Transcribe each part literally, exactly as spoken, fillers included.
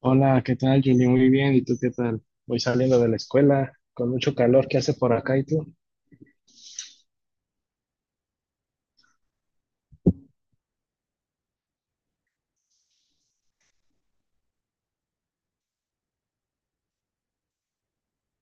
Hola, ¿qué tal, Julie? Muy bien, ¿y tú qué tal? Voy saliendo de la escuela con mucho calor que hace por acá, ¿y tú?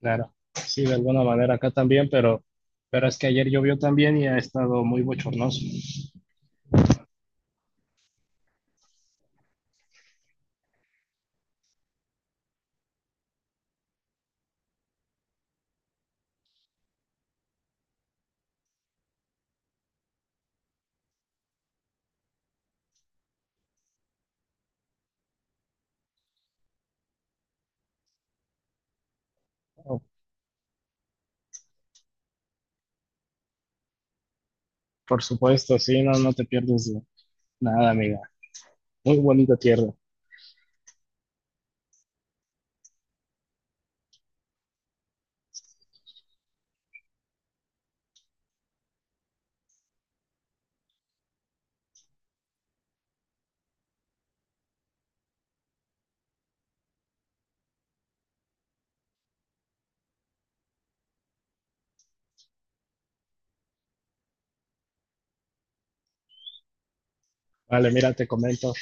Claro, sí, de alguna manera acá también, pero, pero es que ayer llovió también y ha estado muy bochornoso. Oh, por supuesto, sí, no, no te pierdes de nada, amiga. Muy bonita tierra. Vale, mira, te comento.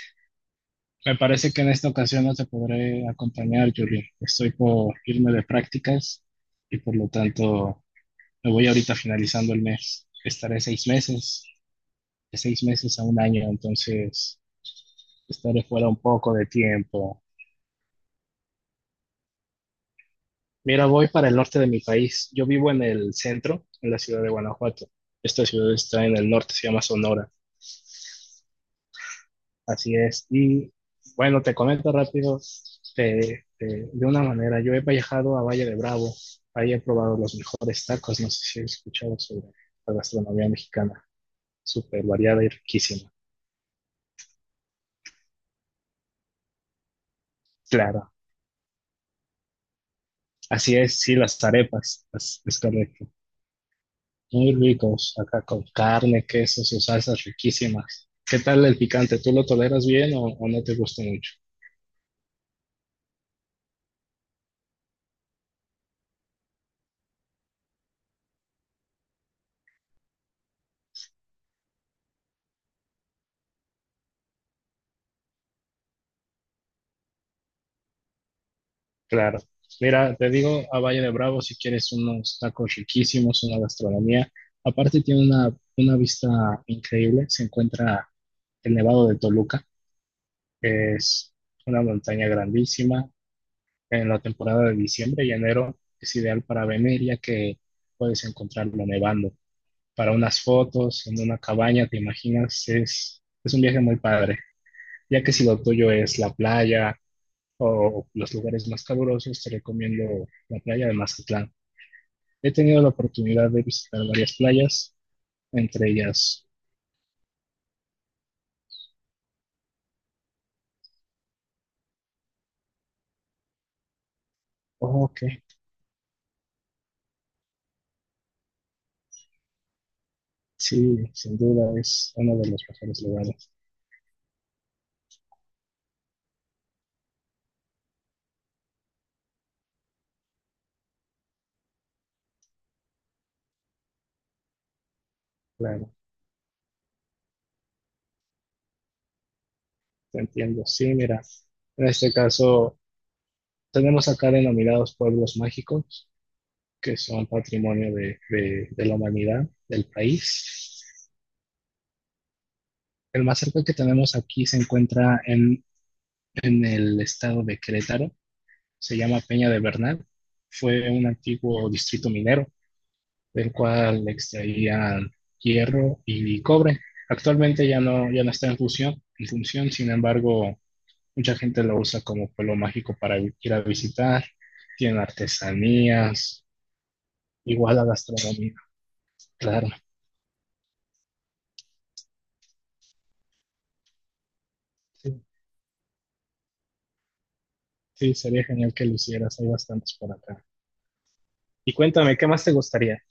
Me parece que en esta ocasión no te podré acompañar, Julie. Estoy por irme de prácticas y por lo tanto me voy ahorita finalizando el mes. Estaré seis meses. De seis meses a un año, entonces estaré fuera un poco de tiempo. Mira, voy para el norte de mi país. Yo vivo en el centro, en la ciudad de Guanajuato. Esta ciudad está en el norte, se llama Sonora. Así es. Y bueno, te comento rápido de, de- de una manera. Yo he viajado a Valle de Bravo. Ahí he probado los mejores tacos. No sé si he escuchado sobre la gastronomía mexicana. Súper variada y riquísima. Claro. Así es, sí, las arepas. Es, es correcto. Muy ricos, acá con carne, queso, sus salsas riquísimas. ¿Qué tal el picante? ¿Tú lo toleras bien o, o no te gusta mucho? Claro. Mira, te digo a Valle de Bravo si quieres unos tacos riquísimos, una gastronomía. Aparte tiene una, una vista increíble. Se encuentra el Nevado de Toluca. Es una montaña grandísima. En la temporada de diciembre y enero es ideal para venir ya que puedes encontrarlo nevando, para unas fotos en una cabaña, ¿te imaginas? Es, es un viaje muy padre, ya que si lo tuyo es la playa o los lugares más calurosos, te recomiendo la playa de Mazatlán. He tenido la oportunidad de visitar varias playas, entre ellas, oh, ok, sí, sin duda es uno de los mejores lugares, claro, te entiendo. Sí, mira, en este caso tenemos acá denominados pueblos mágicos, que son patrimonio de, de de la humanidad, del país. El más cerca que tenemos aquí se encuentra en, en el estado de Querétaro, se llama Peña de Bernal, fue un antiguo distrito minero del cual extraían hierro y cobre. Actualmente ya no, ya no está en función, en función, sin embargo, mucha gente lo usa como pueblo mágico para vi- ir a visitar, tienen artesanías, igual a gastronomía, claro. Sí, sí, sería genial que lo hicieras, hay bastantes por acá. Y cuéntame, ¿qué más te gustaría?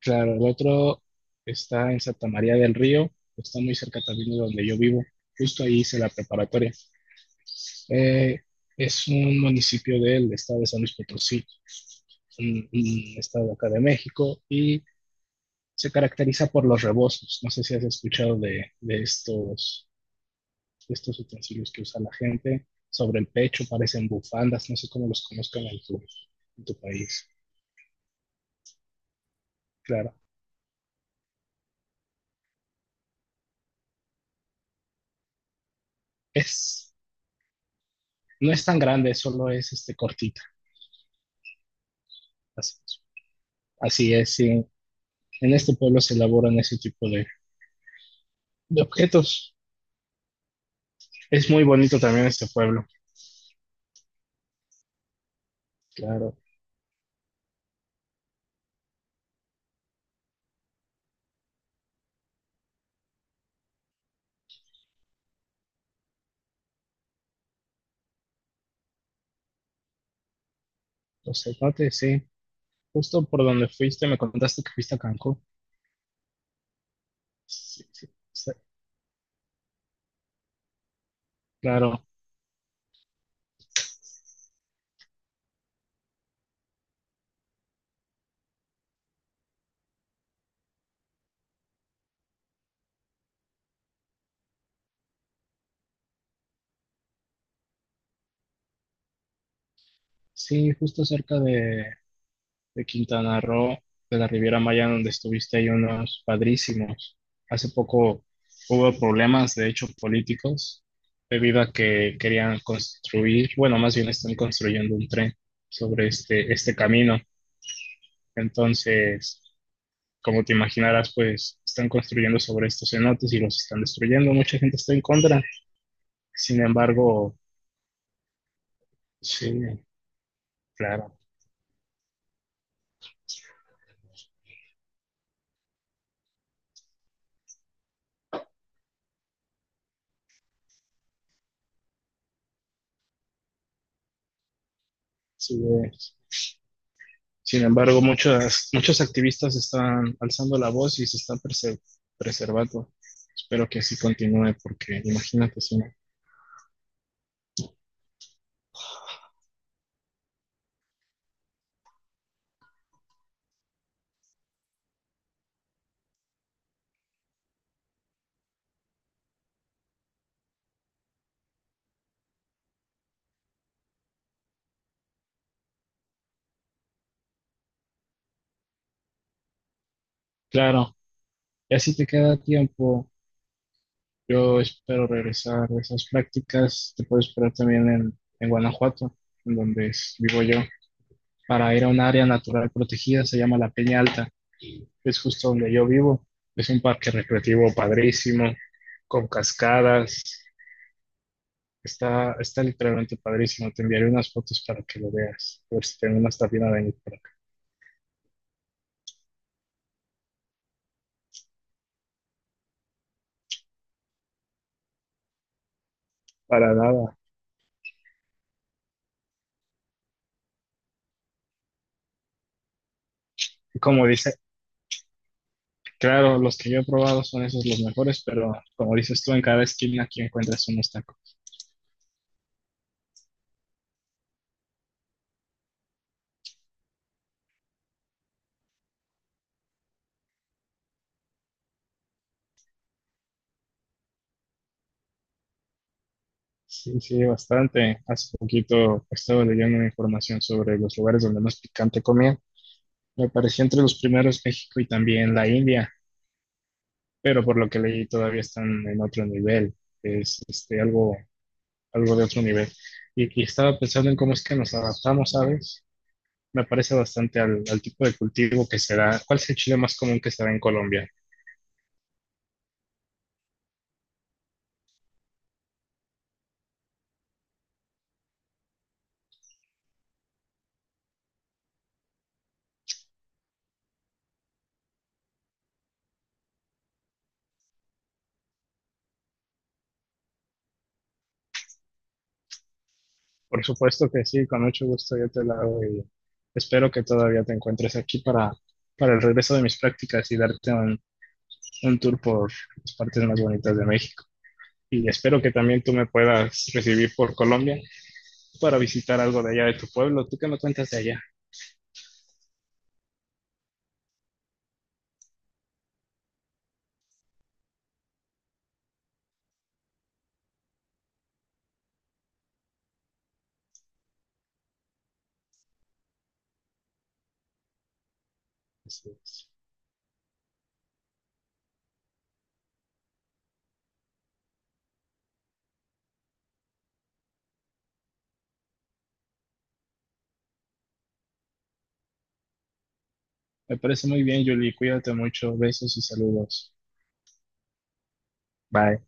Claro, el otro está en Santa María del Río, está muy cerca también de donde yo vivo, justo ahí hice la preparatoria. Eh, es un municipio del estado de San Luis Potosí, un, un estado acá de México, y se caracteriza por los rebozos. No sé si has escuchado de, de estos, de estos utensilios que usa la gente sobre el pecho, parecen bufandas, no sé cómo los conozcan en tu, en tu país. Claro, es, no es tan grande, solo es este cortita. Así, así es, sí. En este pueblo se elaboran ese tipo de, de objetos. Es muy bonito también este pueblo. Claro, los cenotes, sí. Justo por donde fuiste, me contaste que fuiste a Cancún. Sí, sí, sí, claro, sí, justo cerca de, de Quintana Roo, de la Riviera Maya, donde estuviste, hay unos padrísimos. Hace poco hubo problemas, de hecho, políticos, debido a que querían construir, bueno, más bien están construyendo un tren sobre este, este camino. Entonces, como te imaginarás, pues están construyendo sobre estos cenotes y los están destruyendo. Mucha gente está en contra. Sin embargo, sí, claro, sí es. Sin embargo, muchas, muchos activistas están alzando la voz y se están prese- preservando. Espero que así continúe, porque imagínate si no. Claro, y así te queda tiempo. Yo espero regresar a esas prácticas. Te puedo esperar también en, en Guanajuato, en donde es- vivo yo, para ir a un área natural protegida, se llama la Peña Alta, que es justo donde yo vivo. Es un parque recreativo padrísimo, con cascadas. Está, está literalmente padrísimo. Te enviaré unas fotos para que lo veas. A ver si tengo una estación a venir por acá. Para nada. Y como dice, claro, los que yo he probado son esos los mejores, pero como dices tú, en cada esquina aquí encuentras unos tacos. Sí, sí, bastante. Hace poquito pues, estaba leyendo una información sobre los lugares donde más picante comían. Me pareció entre los primeros México y también la India, pero por lo que leí todavía están en otro nivel, es este, algo, algo de otro nivel. Y, y estaba pensando en cómo es que nos adaptamos, ¿sabes? Me parece bastante al, al tipo de cultivo que se da. ¿Cuál es el chile más común que se da en Colombia? Por supuesto que sí, con mucho gusto yo te la hago y espero que todavía te encuentres aquí para, para el regreso de mis prácticas y darte un, un tour por las partes más bonitas de México. Y espero que también tú me puedas recibir por Colombia para visitar algo de allá de tu pueblo. ¿Tú qué me cuentas de allá? Así es. Me parece muy bien, Julie. Cuídate mucho. Besos y saludos. Bye.